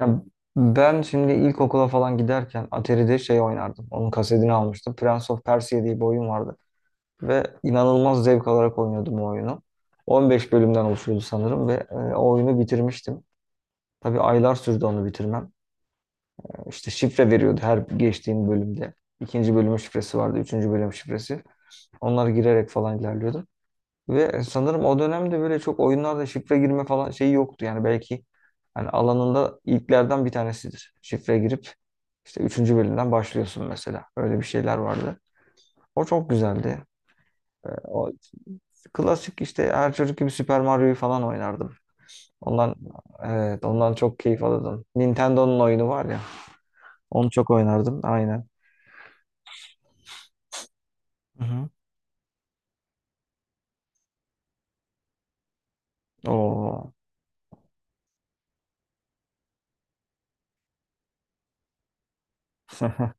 Ya ben şimdi ilkokula falan giderken Atari'de şey oynardım. Onun kasetini almıştım. Prince of Persia diye bir oyun vardı. Ve inanılmaz zevk alarak oynuyordum o oyunu. 15 bölümden oluşuyordu sanırım ve o oyunu bitirmiştim. Tabii aylar sürdü onu bitirmem. İşte şifre veriyordu her geçtiğim bölümde. İkinci bölümün şifresi vardı, üçüncü bölüm şifresi. Onları girerek falan ilerliyordum. Ve sanırım o dönemde böyle çok oyunlarda şifre girme falan şeyi yoktu. Yani belki hani alanında ilklerden bir tanesidir. Şifre girip işte üçüncü bölümden başlıyorsun mesela. Öyle bir şeyler vardı. O çok güzeldi. O klasik işte her çocuk gibi Super Mario'yu falan oynardım. Ondan evet, ondan çok keyif alırdım. Nintendo'nun oyunu var ya. Onu çok oynardım, aynen. Hı hı. Oo.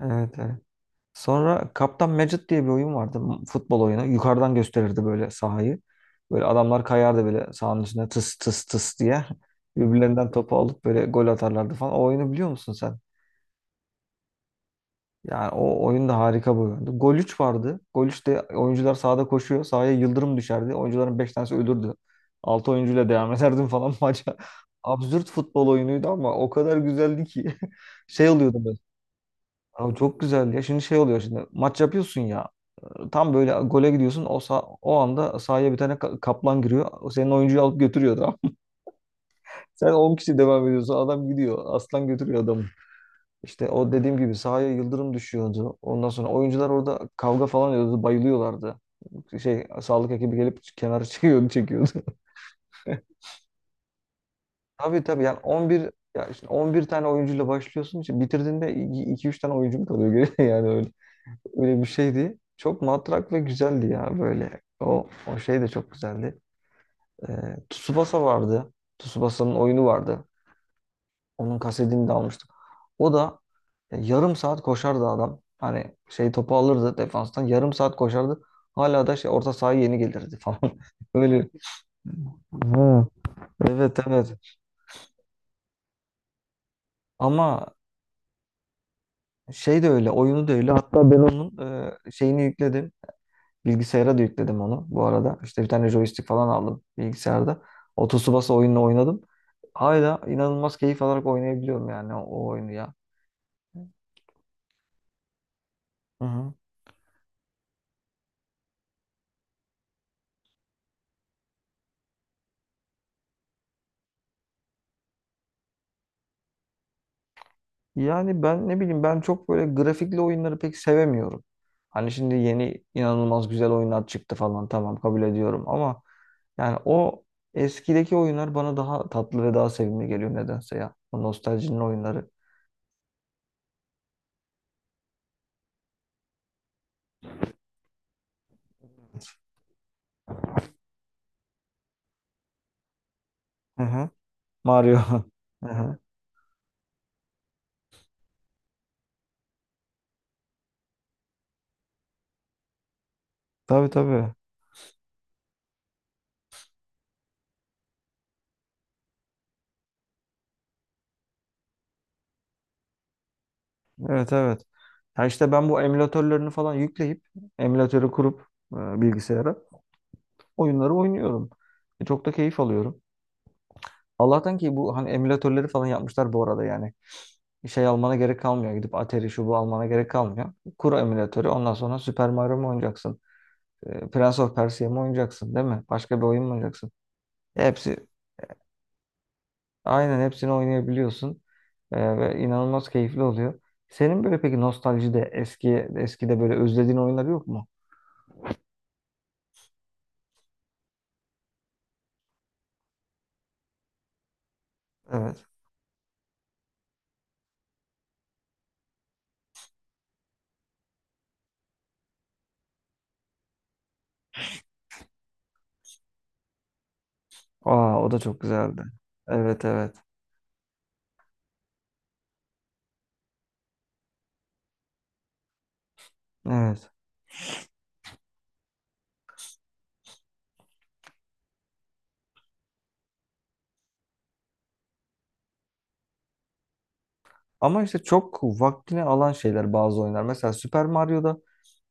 Evet, evet. Sonra Kaptan Mecid diye bir oyun vardı. Futbol oyunu. Yukarıdan gösterirdi böyle sahayı. Böyle adamlar kayardı böyle sahanın üstüne tıs tıs tıs diye. Birbirlerinden topu alıp böyle gol atarlardı falan. O oyunu biliyor musun sen? Yani o oyun da harika bir oyundu. Gol 3 vardı. Gol 3'te oyuncular sahada koşuyor. Sahaya yıldırım düşerdi. Oyuncuların 5 tanesi ölürdü. 6 oyuncuyla devam ederdim falan maça. Absürt futbol oyunuydu ama o kadar güzeldi ki. Şey oluyordu. Abi çok güzel ya. Şimdi şey oluyor şimdi. Maç yapıyorsun ya. Tam böyle gole gidiyorsun. O anda sahaya bir tane kaplan giriyor. O, senin oyuncuyu alıp götürüyor, tamam. Sen 10 kişi devam ediyorsun. Adam gidiyor. Aslan götürüyor adamı. İşte o dediğim gibi sahaya yıldırım düşüyordu. Ondan sonra oyuncular orada kavga falan ediyordu. Bayılıyorlardı. Şey, sağlık ekibi gelip kenara çekiyordu, çekiyordu. Tabii, tabii, yani 11, ya işte 11 tane oyuncuyla başlıyorsun. İşte bitirdiğinde iki üç tane oyuncun kalıyor geriye yani öyle. Öyle bir şeydi. Çok matrak ve güzeldi ya böyle. O şey de çok güzeldi. Ee, Tsubasa vardı. Tsubasa'nın oyunu vardı. Onun kasetini de almıştım. O da yarım saat koşardı adam. Hani şey topu alırdı defanstan. Yarım saat koşardı. Hala da şey orta sahaya yeni gelirdi falan. Öyle. Ha, evet, evet. Ama şey de öyle. Oyunu da öyle. Hatta ben onun şeyini yükledim. Bilgisayara da yükledim onu bu arada. İşte bir tane joystick falan aldım bilgisayarda. O Tsubasa oyununu oynadım. Hala inanılmaz keyif alarak oynayabiliyorum yani o oyunu ya. Hı hı. Yani ben ne bileyim, ben çok böyle grafikli oyunları pek sevemiyorum. Hani şimdi yeni inanılmaz güzel oyunlar çıktı falan, tamam, kabul ediyorum, ama yani o eskideki oyunlar bana daha tatlı ve daha sevimli geliyor nedense ya. O nostaljinin oyunları. Hı hı. Mario. Hı hı. Tabii, tabii. Evet, evet. Ya işte ben bu emülatörlerini falan yükleyip emülatörü kurup bilgisayara oyunları oynuyorum. Çok da keyif alıyorum. Allah'tan ki bu hani emülatörleri falan yapmışlar bu arada yani. Şey almana gerek kalmıyor. Gidip Atari şu bu almana gerek kalmıyor. Kur emülatörü, ondan sonra Super Mario mu oynayacaksın? Prince of Persia mı oynayacaksın, değil mi? Başka bir oyun mu oynayacaksın? Hepsi, aynen, hepsini oynayabiliyorsun. Ve inanılmaz keyifli oluyor. Senin böyle peki nostaljide eskide böyle özlediğin oyunlar yok mu? Evet. Aa, o da çok güzeldi. Evet, evet. Evet. Ama işte çok vaktini alan şeyler bazı oyunlar. Mesela Super Mario'da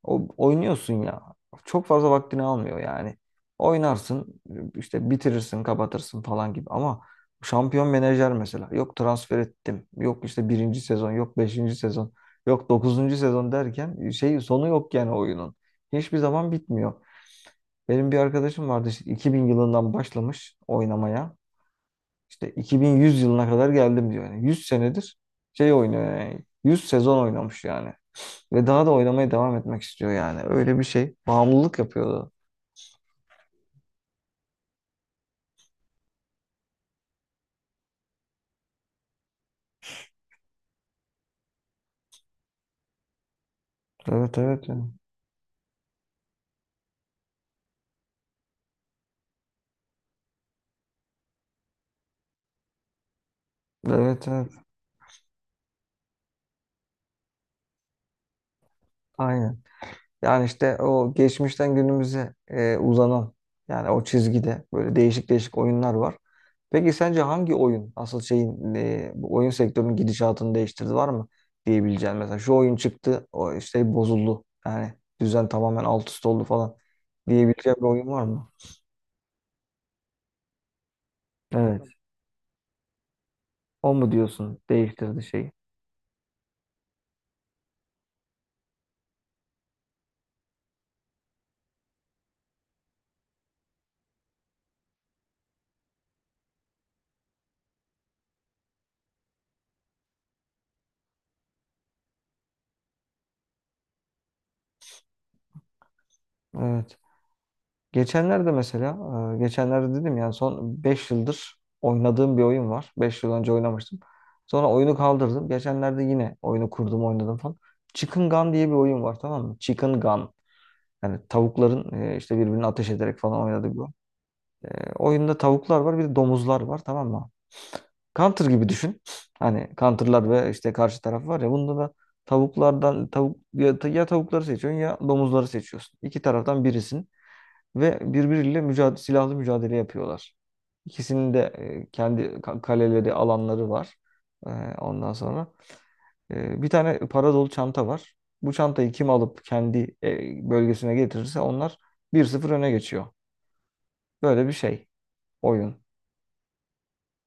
oynuyorsun ya. Çok fazla vaktini almıyor yani. Oynarsın işte, bitirirsin, kapatırsın falan gibi. Ama şampiyon menajer mesela. Yok transfer ettim. Yok işte birinci sezon. Yok beşinci sezon. Yok dokuzuncu sezon derken şey sonu yok yani oyunun. Hiçbir zaman bitmiyor. Benim bir arkadaşım vardı, işte 2000 yılından başlamış oynamaya. İşte 2100 yılına kadar geldim diyor. Yani 100 senedir şey oynuyor yani. 100 sezon oynamış yani. Ve daha da oynamaya devam etmek istiyor yani. Öyle bir şey. Bağımlılık yapıyordu. Evet, evet, yani. Evet, evet. Aynen. Yani işte o geçmişten günümüze uzanan, yani o çizgide böyle değişik değişik oyunlar var. Peki sence hangi oyun asıl şeyin bu oyun sektörünün gidişatını değiştirdi, var mı diyebileceğin, mesela şu oyun çıktı o işte bozuldu yani düzen tamamen alt üst oldu falan diyebileceğin bir oyun var mı? Evet. O mu diyorsun değiştirdi şeyi? Evet. Geçenlerde mesela, geçenlerde dedim yani son 5 yıldır oynadığım bir oyun var. 5 yıl önce oynamıştım. Sonra oyunu kaldırdım. Geçenlerde yine oyunu kurdum, oynadım falan. Chicken Gun diye bir oyun var, tamam mı? Chicken Gun. Yani tavukların işte birbirini ateş ederek falan oynadığı bir oyun. Oyunda tavuklar var, bir de domuzlar var, tamam mı? Counter gibi düşün. Hani counter'lar ve işte karşı taraf var ya, bunda da tavuklardan tavuk ya, ya tavukları seçiyorsun ya domuzları seçiyorsun. İki taraftan birisin ve birbiriyle mücadele, silahlı mücadele yapıyorlar. İkisinin de kendi kaleleri, alanları var. E, Ondan sonra bir tane para dolu çanta var. Bu çantayı kim alıp kendi bölgesine getirirse onlar 1-0 öne geçiyor. Böyle bir şey oyun.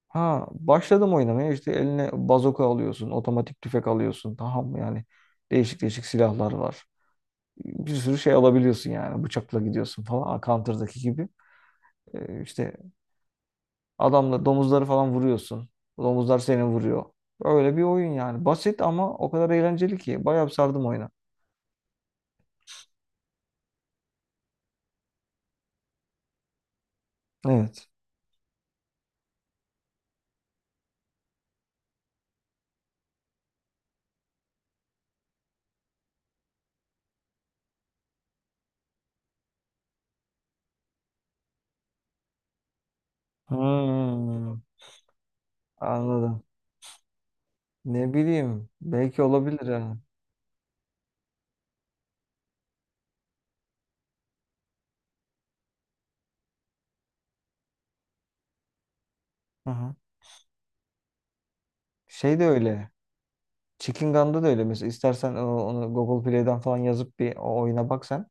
Ha, başladım oynamaya, işte eline bazoka alıyorsun, otomatik tüfek alıyorsun. Tamam mı? Yani değişik değişik silahlar var. Bir sürü şey alabiliyorsun, yani bıçakla gidiyorsun falan. Counter'daki gibi. E, işte adamla domuzları falan vuruyorsun. Domuzlar seni vuruyor. Öyle bir oyun yani. Basit ama o kadar eğlenceli ki. Bayağı bir sardım oyuna. Evet. Hmm, anladım. Ne bileyim. Belki olabilir yani. Hı hı. Şey de öyle. Chicken Gun'da da öyle. Mesela istersen onu Google Play'den falan yazıp bir o oyuna bak sen.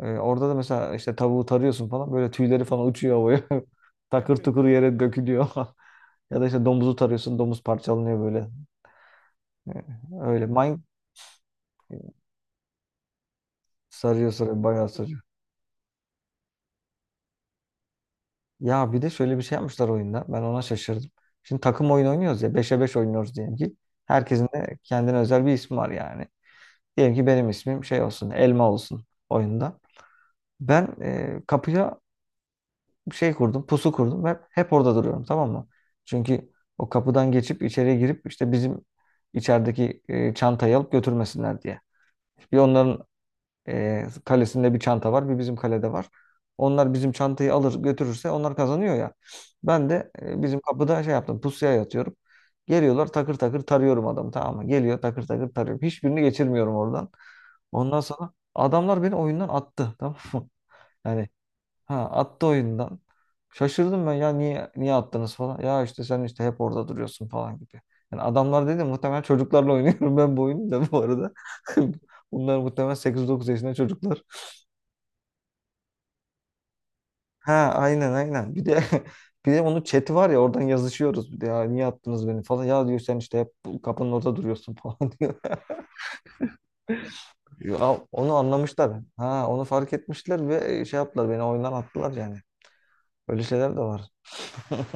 Orada da mesela işte tavuğu tarıyorsun falan. Böyle tüyleri falan uçuyor havaya. Takır tukur yere dökülüyor. Ya da işte domuzu tarıyorsun. Domuz parçalanıyor böyle. E, Öyle. Mine, sarıyor, sarıyor, bayağı sarıyor. Ya bir de şöyle bir şey yapmışlar oyunda. Ben ona şaşırdım. Şimdi takım oyunu oynuyoruz ya. Beşe 5 oynuyoruz diyelim ki. Herkesin de kendine özel bir ismi var yani. Diyelim ki benim ismim şey olsun. Elma olsun oyunda. Ben kapıya bir şey kurdum. Pusu kurdum. Ben hep orada duruyorum, tamam mı? Çünkü o kapıdan geçip içeriye girip işte bizim içerideki çantayı alıp götürmesinler diye. Bir, onların kalesinde bir çanta var, bir bizim kalede var. Onlar bizim çantayı alır götürürse onlar kazanıyor ya. Ben de bizim kapıda şey yaptım, pusuya yatıyorum. Geliyorlar, takır takır tarıyorum adamı, tamam mı? Geliyor, takır takır tarıyorum. Hiçbirini geçirmiyorum oradan. Ondan sonra adamlar beni oyundan attı, tamam mı? Yani ha, attı oyundan. Şaşırdım ben ya, niye attınız falan. Ya işte sen işte hep orada duruyorsun falan gibi. Yani adamlar dedi, muhtemelen çocuklarla oynuyorum ben bu oyunu da bu arada. Bunlar muhtemelen 8-9 yaşında çocuklar. Ha, aynen, aynen. Bir de bir de onun chat'i var ya, oradan yazışıyoruz, bir de ya niye attınız beni falan. Ya diyor sen işte hep bu kapının orada duruyorsun falan diyor. Ya, onu anlamışlar. Ha, onu fark etmişler ve şey yaptılar, beni oyundan attılar yani. Öyle şeyler de var.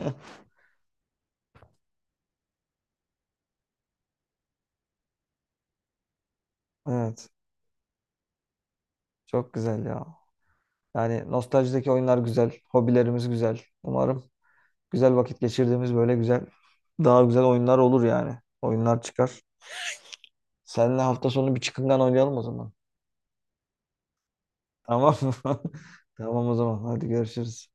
Evet. Çok güzel ya. Yani nostaljideki oyunlar güzel. Hobilerimiz güzel. Umarım güzel vakit geçirdiğimiz böyle güzel, daha güzel oyunlar olur yani. Oyunlar çıkar. Seninle hafta sonu bir çıkıngan oynayalım o zaman. Tamam mı? Tamam o zaman. Hadi görüşürüz.